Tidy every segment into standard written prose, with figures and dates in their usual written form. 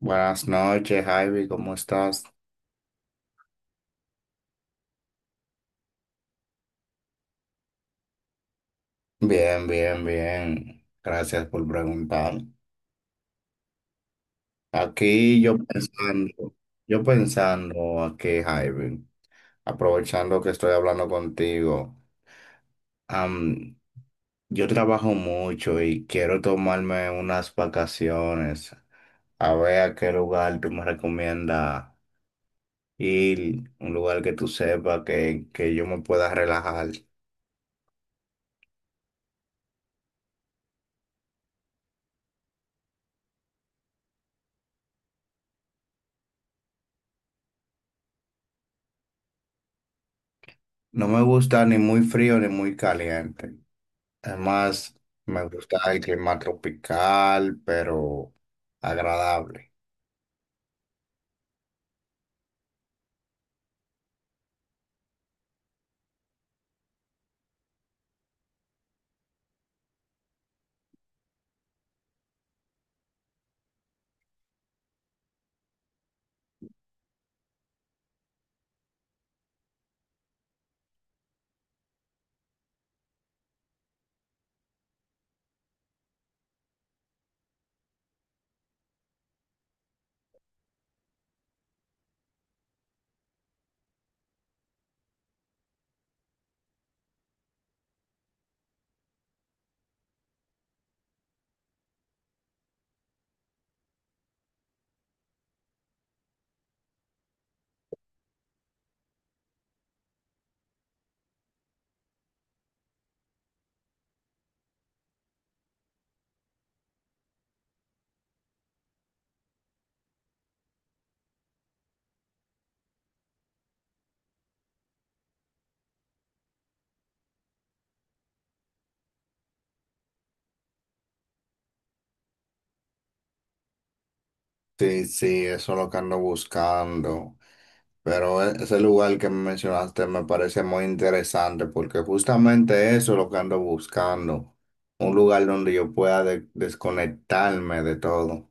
Buenas noches, Ivy, ¿cómo estás? Bien, bien, bien. Gracias por preguntar. Aquí yo pensando aquí, Ivy, aprovechando que estoy hablando contigo. am, yo trabajo mucho y quiero tomarme unas vacaciones. A ver a qué lugar tú me recomiendas ir, un lugar que tú sepas que yo me pueda relajar. No me gusta ni muy frío ni muy caliente. Además, me gusta el clima tropical, pero agradable. Sí, sí, eso es lo que ando buscando. Pero ese lugar que mencionaste me parece muy interesante porque justamente eso es lo que ando buscando. Un lugar donde yo pueda desconectarme de todo.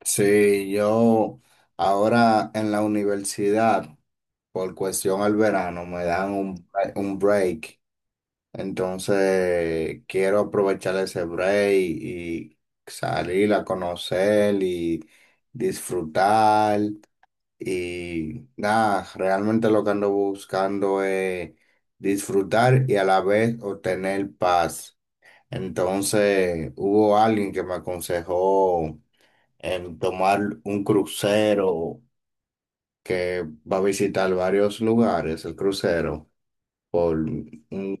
Sí, yo ahora en la universidad, por cuestión al verano, me dan un break. Entonces, quiero aprovechar ese break y salir a conocer y disfrutar. Y nada, realmente lo que ando buscando es disfrutar y a la vez obtener paz. Entonces, hubo alguien que me aconsejó en tomar un crucero que va a visitar varios lugares, el crucero, por un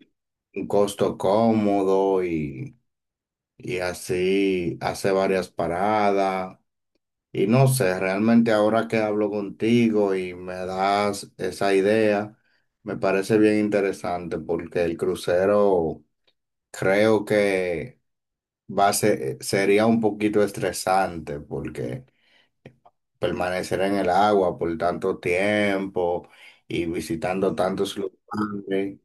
un costo cómodo y así hace varias paradas. Y no sé, realmente ahora que hablo contigo y me das esa idea, me parece bien interesante porque el crucero creo que sería un poquito estresante porque permanecer en el agua por tanto tiempo y visitando tantos lugares.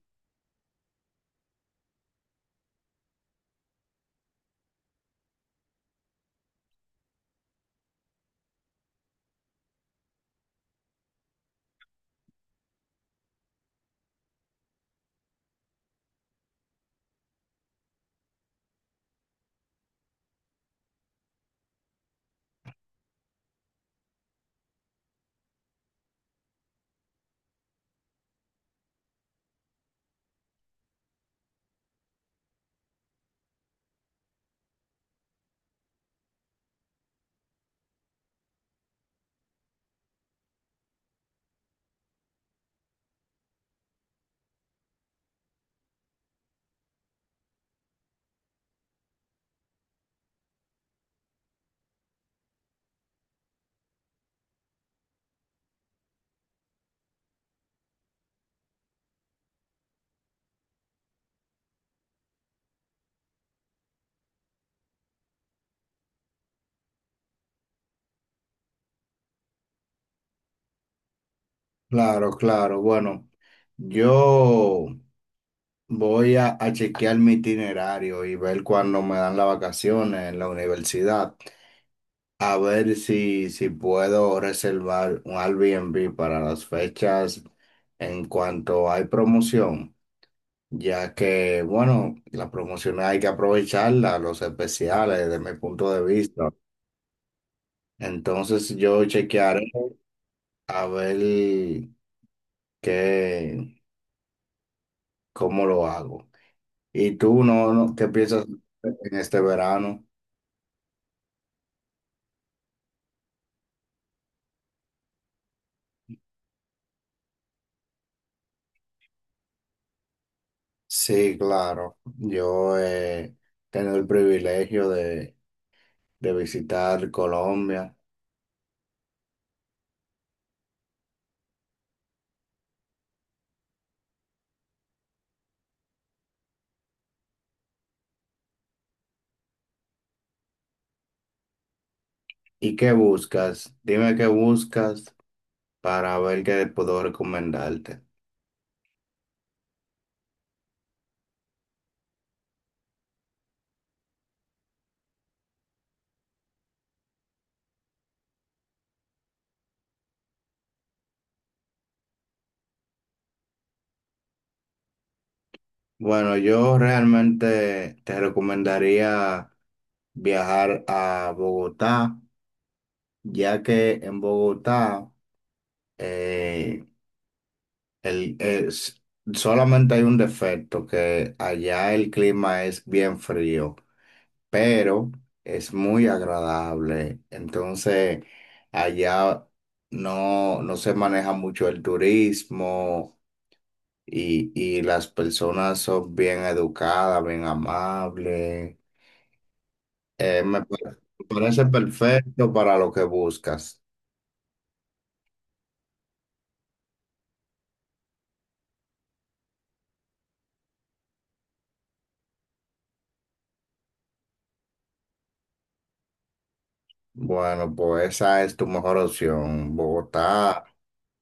Claro, claro. Bueno, yo. Voy a chequear mi itinerario y ver cuándo me dan las vacaciones en la universidad. A ver si puedo reservar un Airbnb para las fechas en cuanto hay promoción, ya que, bueno, las promociones hay que aprovecharlas los especiales, desde mi punto de vista. Entonces yo chequearé a ver qué, cómo lo hago. ¿Y tú no, no, qué piensas en este verano? Sí, claro. Yo he tenido el privilegio de visitar Colombia. ¿Y qué buscas? Dime qué buscas para ver qué puedo recomendarte. Bueno, yo realmente te recomendaría viajar a Bogotá, ya que en Bogotá eh, el- es- solamente hay un defecto, que allá el clima es bien frío, pero es muy agradable. Entonces, allá no se maneja mucho el turismo y, y las personas son bien educadas, bien amables. Eh, me pa- Me parece perfecto para lo que buscas. Bueno, pues esa es tu mejor opción. Bogotá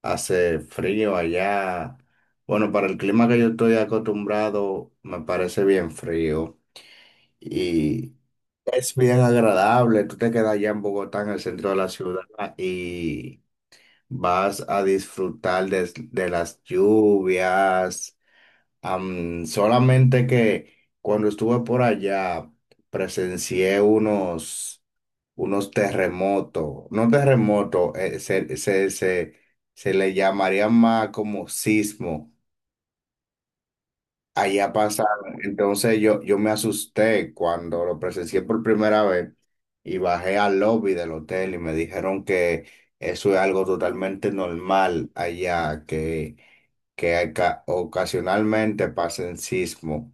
hace frío allá. Bueno, para el clima que yo estoy acostumbrado, me parece bien frío. Es bien agradable, tú te quedas allá en Bogotá, en el centro de la ciudad, y vas a disfrutar de las lluvias. Solamente que cuando estuve por allá, presencié unos terremotos, no terremotos, se le llamaría más como sismo. Allá pasa, entonces yo me asusté cuando lo presencié por primera vez y bajé al lobby del hotel y me dijeron que eso es algo totalmente normal allá, que ocasionalmente pasen sismo.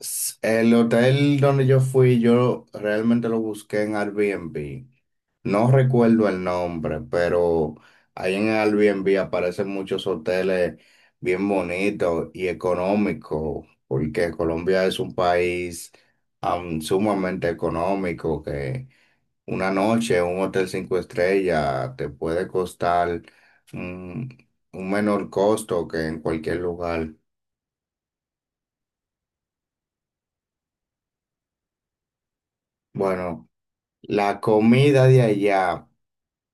El hotel donde yo fui, yo realmente lo busqué en Airbnb. No recuerdo el nombre, pero ahí en Airbnb aparecen muchos hoteles bien bonitos y económicos, porque Colombia es un país sumamente económico, que una noche en un hotel cinco estrellas te puede costar un, un menor costo que en cualquier lugar. Bueno, la comida de allá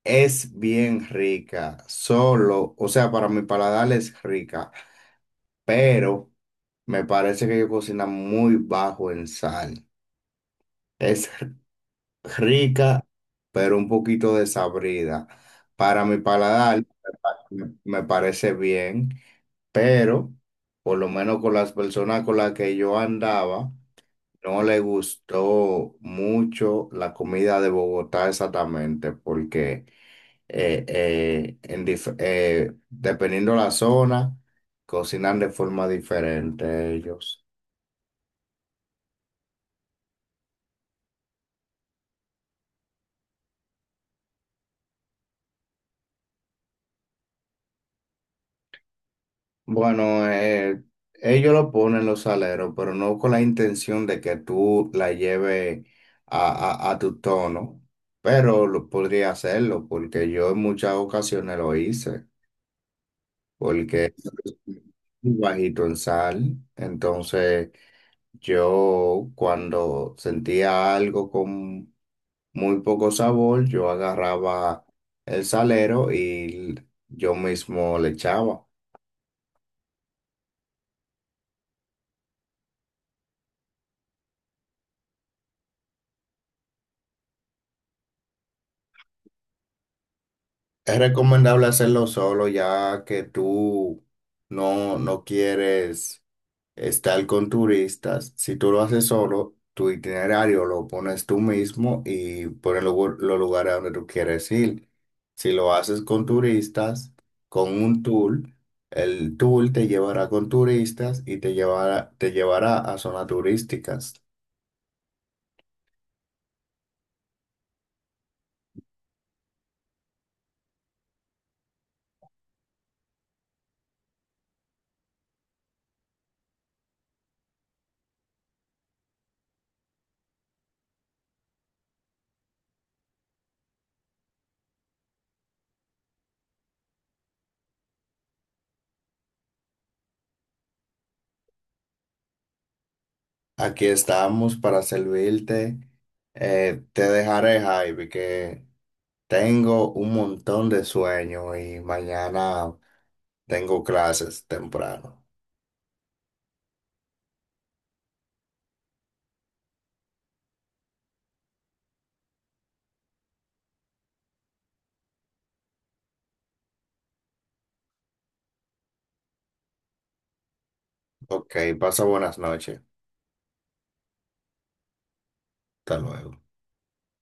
es bien rica, solo, o sea, para mi paladar es rica, pero me parece que ellos cocinan muy bajo en sal. Es rica, pero un poquito desabrida. Para mi paladar, me parece bien, pero por lo menos con las personas con las que yo andaba, no le gustó mucho la comida de Bogotá exactamente, porque dependiendo la zona, cocinan de forma diferente ellos. Bueno, ellos lo ponen los aleros, pero no con la intención de que tú la lleves a tu tono, pero lo podría hacerlo porque yo en muchas ocasiones lo hice, porque es muy bajito en sal, entonces yo cuando sentía algo con muy poco sabor, yo agarraba el salero y yo mismo le echaba. Es recomendable hacerlo solo ya que tú no quieres estar con turistas. Si tú lo haces solo, tu itinerario lo pones tú mismo y pones los lugares a donde tú quieres ir. Si lo haces con turistas, con un tour, el tour te llevará con turistas y te llevará a zonas turísticas. Aquí estamos para servirte. Te dejaré, Javi, que... Tengo un montón de sueño y mañana tengo clases temprano. Ok, pasa buenas noches. Hasta luego.